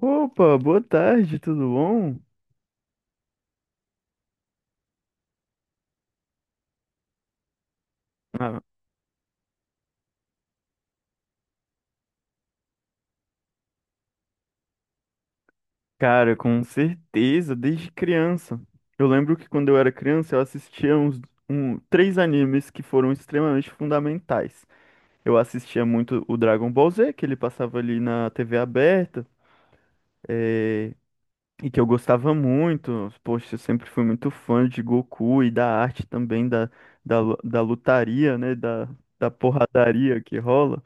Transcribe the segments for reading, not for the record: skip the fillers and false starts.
Opa, boa tarde, tudo bom? Ah, cara, com certeza, desde criança. Eu lembro que quando eu era criança, eu assistia três animes que foram extremamente fundamentais. Eu assistia muito o Dragon Ball Z, que ele passava ali na TV aberta, e que eu gostava muito. Poxa, eu sempre fui muito fã de Goku e da arte também, da lutaria, né? Da porradaria que rola.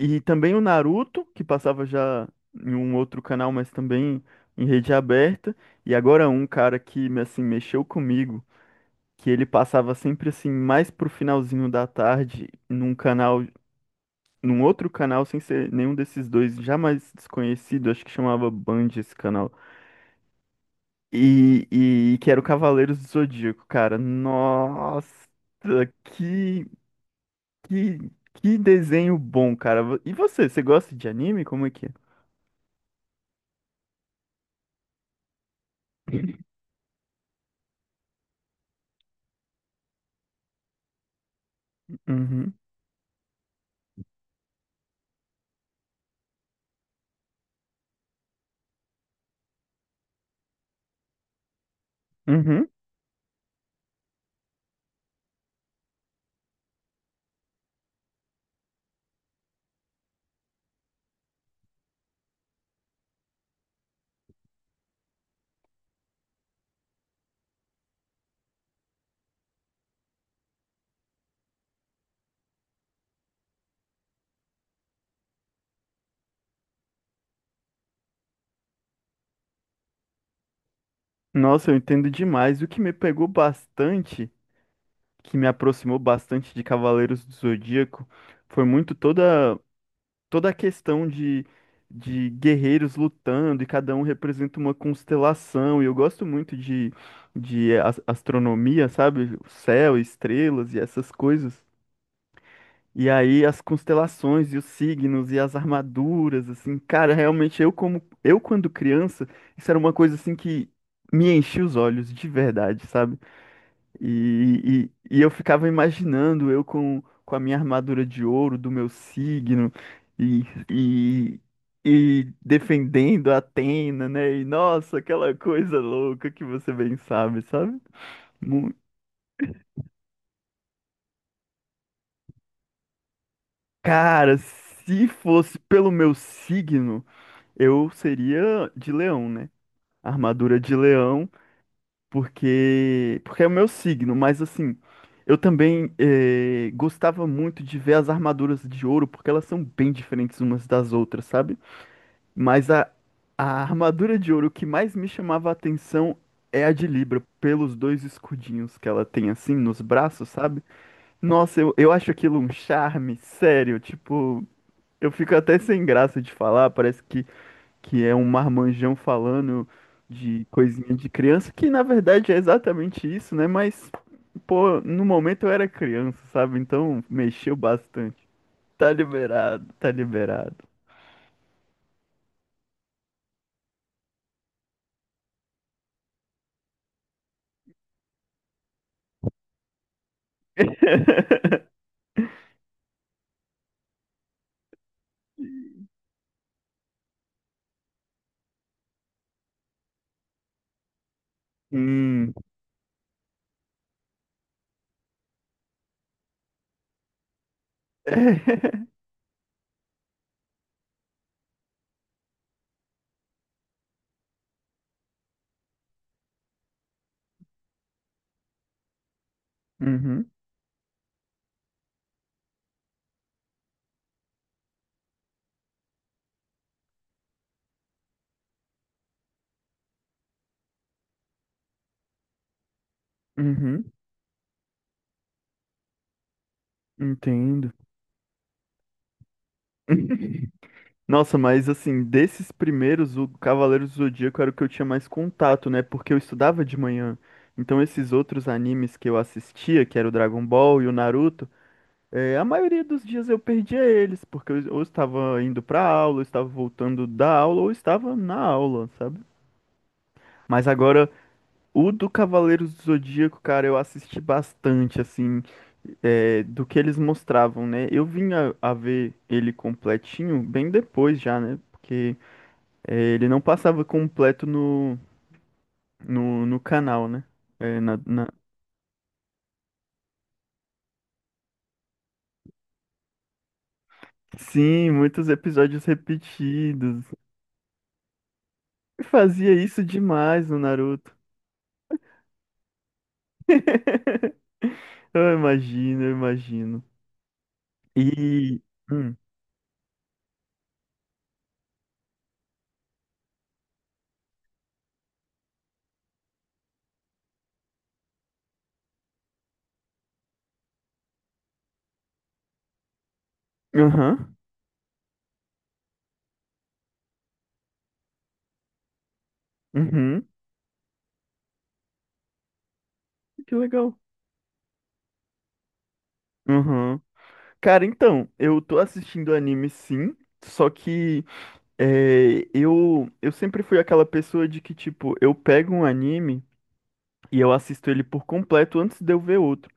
E também o Naruto, que passava já em um outro canal, mas também em rede aberta. E agora um cara que assim mexeu comigo, que ele passava sempre assim mais pro finalzinho da tarde num canal, num outro canal sem ser nenhum desses dois, jamais desconhecido, acho que chamava Band esse canal. E, que era o Cavaleiros do Zodíaco, cara. Nossa, que que que desenho bom, cara. E você gosta de anime? Como é que é? Uhum. Uhum. Nossa, eu entendo demais. O que me pegou bastante, que me aproximou bastante de Cavaleiros do Zodíaco, foi muito toda a questão de guerreiros lutando, e cada um representa uma constelação. E eu gosto muito de astronomia, sabe? O céu, estrelas e essas coisas. E aí as constelações e os signos e as armaduras, assim, cara, realmente eu quando criança, isso era uma coisa assim que me enchia os olhos de verdade, sabe? E eu ficava imaginando eu com a minha armadura de ouro do meu signo e, e, e defendendo a Atena, né? E nossa, aquela coisa louca que você bem sabe, sabe? Mu- Cara, se fosse pelo meu signo, eu seria de leão, né? Armadura de leão, porque é o meu signo, mas assim, eu também gostava muito de ver as armaduras de ouro, porque elas são bem diferentes umas das outras, sabe? Mas a, a armadura de ouro que mais me chamava a atenção é a de Libra, pelos dois escudinhos que ela tem assim nos braços, sabe? Nossa, eu acho aquilo um charme, sério, tipo, eu fico até sem graça de falar, parece que é um marmanjão falando de coisinha de criança, que na verdade é exatamente isso, né? Mas, pô, no momento eu era criança, sabe? Então mexeu bastante. Tá liberado, tá liberado. Hum. Uhum, uhum, entendo. Nossa, mas assim, desses primeiros, o Cavaleiro do Zodíaco era o que eu tinha mais contato, né? Porque eu estudava de manhã. Então esses outros animes que eu assistia, que era o Dragon Ball e o Naruto, é, a maioria dos dias eu perdia eles, porque eu ou estava indo para aula, ou estava voltando da aula, ou estava na aula, sabe? Mas agora, o do Cavaleiros do Zodíaco, cara, eu assisti bastante, assim, é, do que eles mostravam, né? Eu vim a ver ele completinho bem depois já, né? Porque é, ele não passava completo no canal, né? É, na- Sim, muitos episódios repetidos. Eu fazia isso demais no Naruto. Eu imagino, eu imagino. E. Hum. Aham. Uhum. Que legal. Aham. Cara, então, eu tô assistindo anime sim. Só que é, eu sempre fui aquela pessoa de que, tipo, eu pego um anime e eu assisto ele por completo antes de eu ver outro.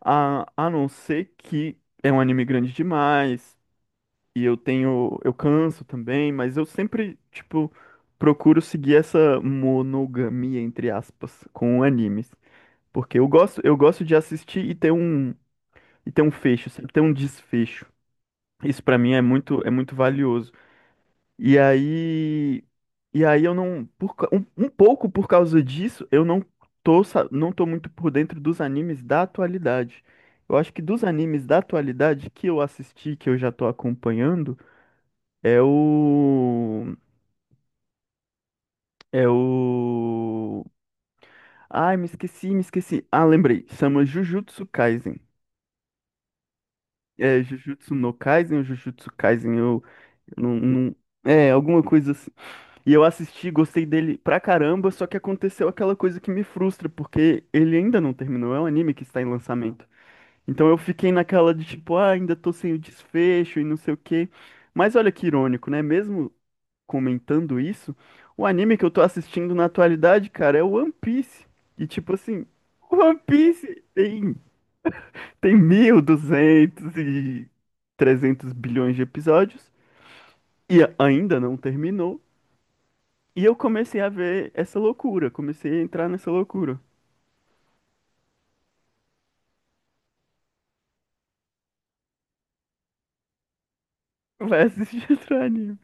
A não ser que é um anime grande demais. E eu tenho, eu canso também, mas eu sempre, tipo, procuro seguir essa monogamia, entre aspas, com animes. Porque eu gosto de assistir e ter um fecho, sempre ter um desfecho. Isso pra mim é muito valioso. E aí, e aí eu não, um pouco por causa disso, eu não tô muito por dentro dos animes da atualidade. Eu acho que dos animes da atualidade que eu assisti, que eu já tô acompanhando, é o. É o. Ai, me esqueci, me esqueci. Ah, lembrei. Chama Jujutsu Kaisen. É, Jujutsu no Kaisen ou Jujutsu Kaisen? Eu não, não- É, alguma coisa assim. E eu assisti, gostei dele pra caramba, só que aconteceu aquela coisa que me frustra, porque ele ainda não terminou. É um anime que está em lançamento. Então eu fiquei naquela de tipo, ah, ainda tô sem o desfecho e não sei o quê. Mas olha que irônico, né? Mesmo comentando isso, o anime que eu tô assistindo na atualidade, cara, é o One Piece. E tipo assim, o tem 1.200 e duzentos e trezentos bilhões de episódios e ainda não terminou. E eu comecei a ver essa loucura, comecei a entrar nessa loucura. Vai assistir outro anime.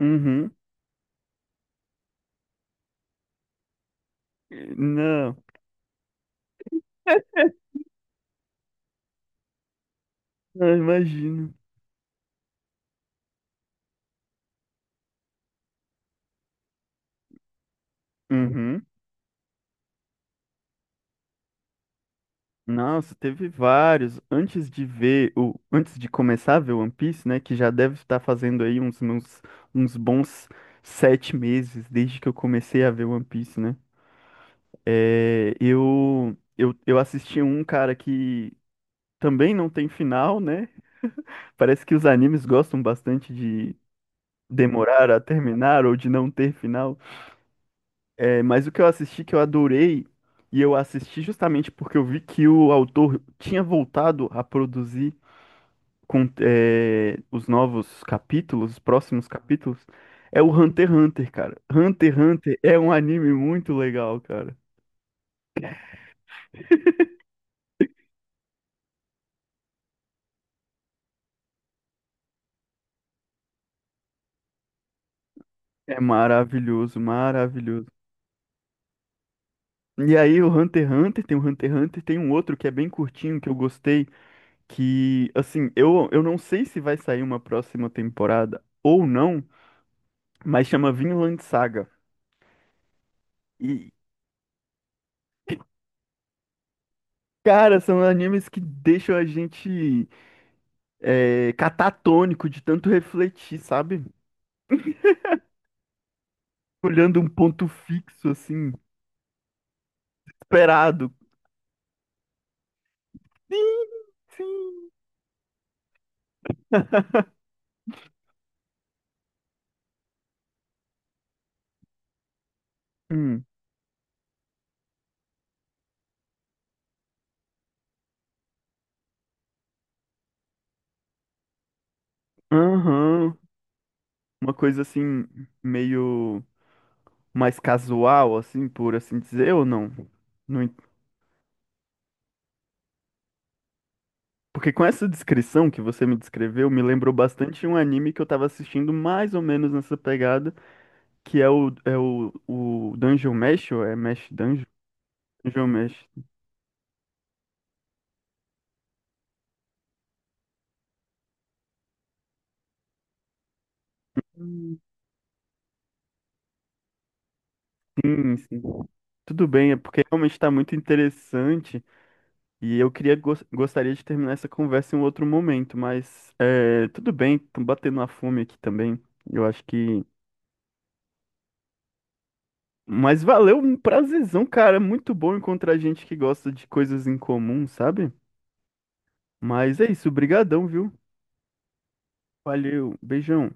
Uhum. Não, não imagino. Uhum. Nossa, teve vários. Antes de ver, o, antes de começar a ver One Piece, né, que já deve estar fazendo aí uns bons 7 meses desde que eu comecei a ver One Piece, né? É, eu assisti um cara que também não tem final, né? Parece que os animes gostam bastante de demorar a terminar ou de não ter final. É, mas o que eu assisti que eu adorei, e eu assisti justamente porque eu vi que o autor tinha voltado a produzir, com os novos capítulos, os próximos capítulos, é o Hunter x Hunter, cara. Hunter x Hunter é um anime muito legal, cara. É maravilhoso, maravilhoso. E aí o Hunter x Hunter, tem o Hunter x Hunter, tem um outro que é bem curtinho, que eu gostei, que, assim, eu não sei se vai sair uma próxima temporada ou não, mas chama Vinland Saga. E, cara, são animes que deixam a gente catatônico de tanto refletir, sabe? Olhando um ponto fixo, assim, esperado. Sim, sim. Hum. Aham. Uma coisa assim, meio mais casual, assim, por assim dizer, ou não? Não en- Porque com essa descrição que você me descreveu, me lembrou bastante um anime que eu tava assistindo mais ou menos nessa pegada, que é o Dungeon Mesh, ou é Mesh Dungeon? Dungeon Mesh. Hum. Sim, sim. Tudo bem, é porque realmente tá muito interessante. E eu queria gostaria de terminar essa conversa em um outro momento, mas é, tudo bem, tô batendo uma fome aqui também. Eu acho que. Mas valeu, um prazerzão, cara. Muito bom encontrar gente que gosta de coisas em comum, sabe? Mas é isso, brigadão, viu? Valeu, beijão.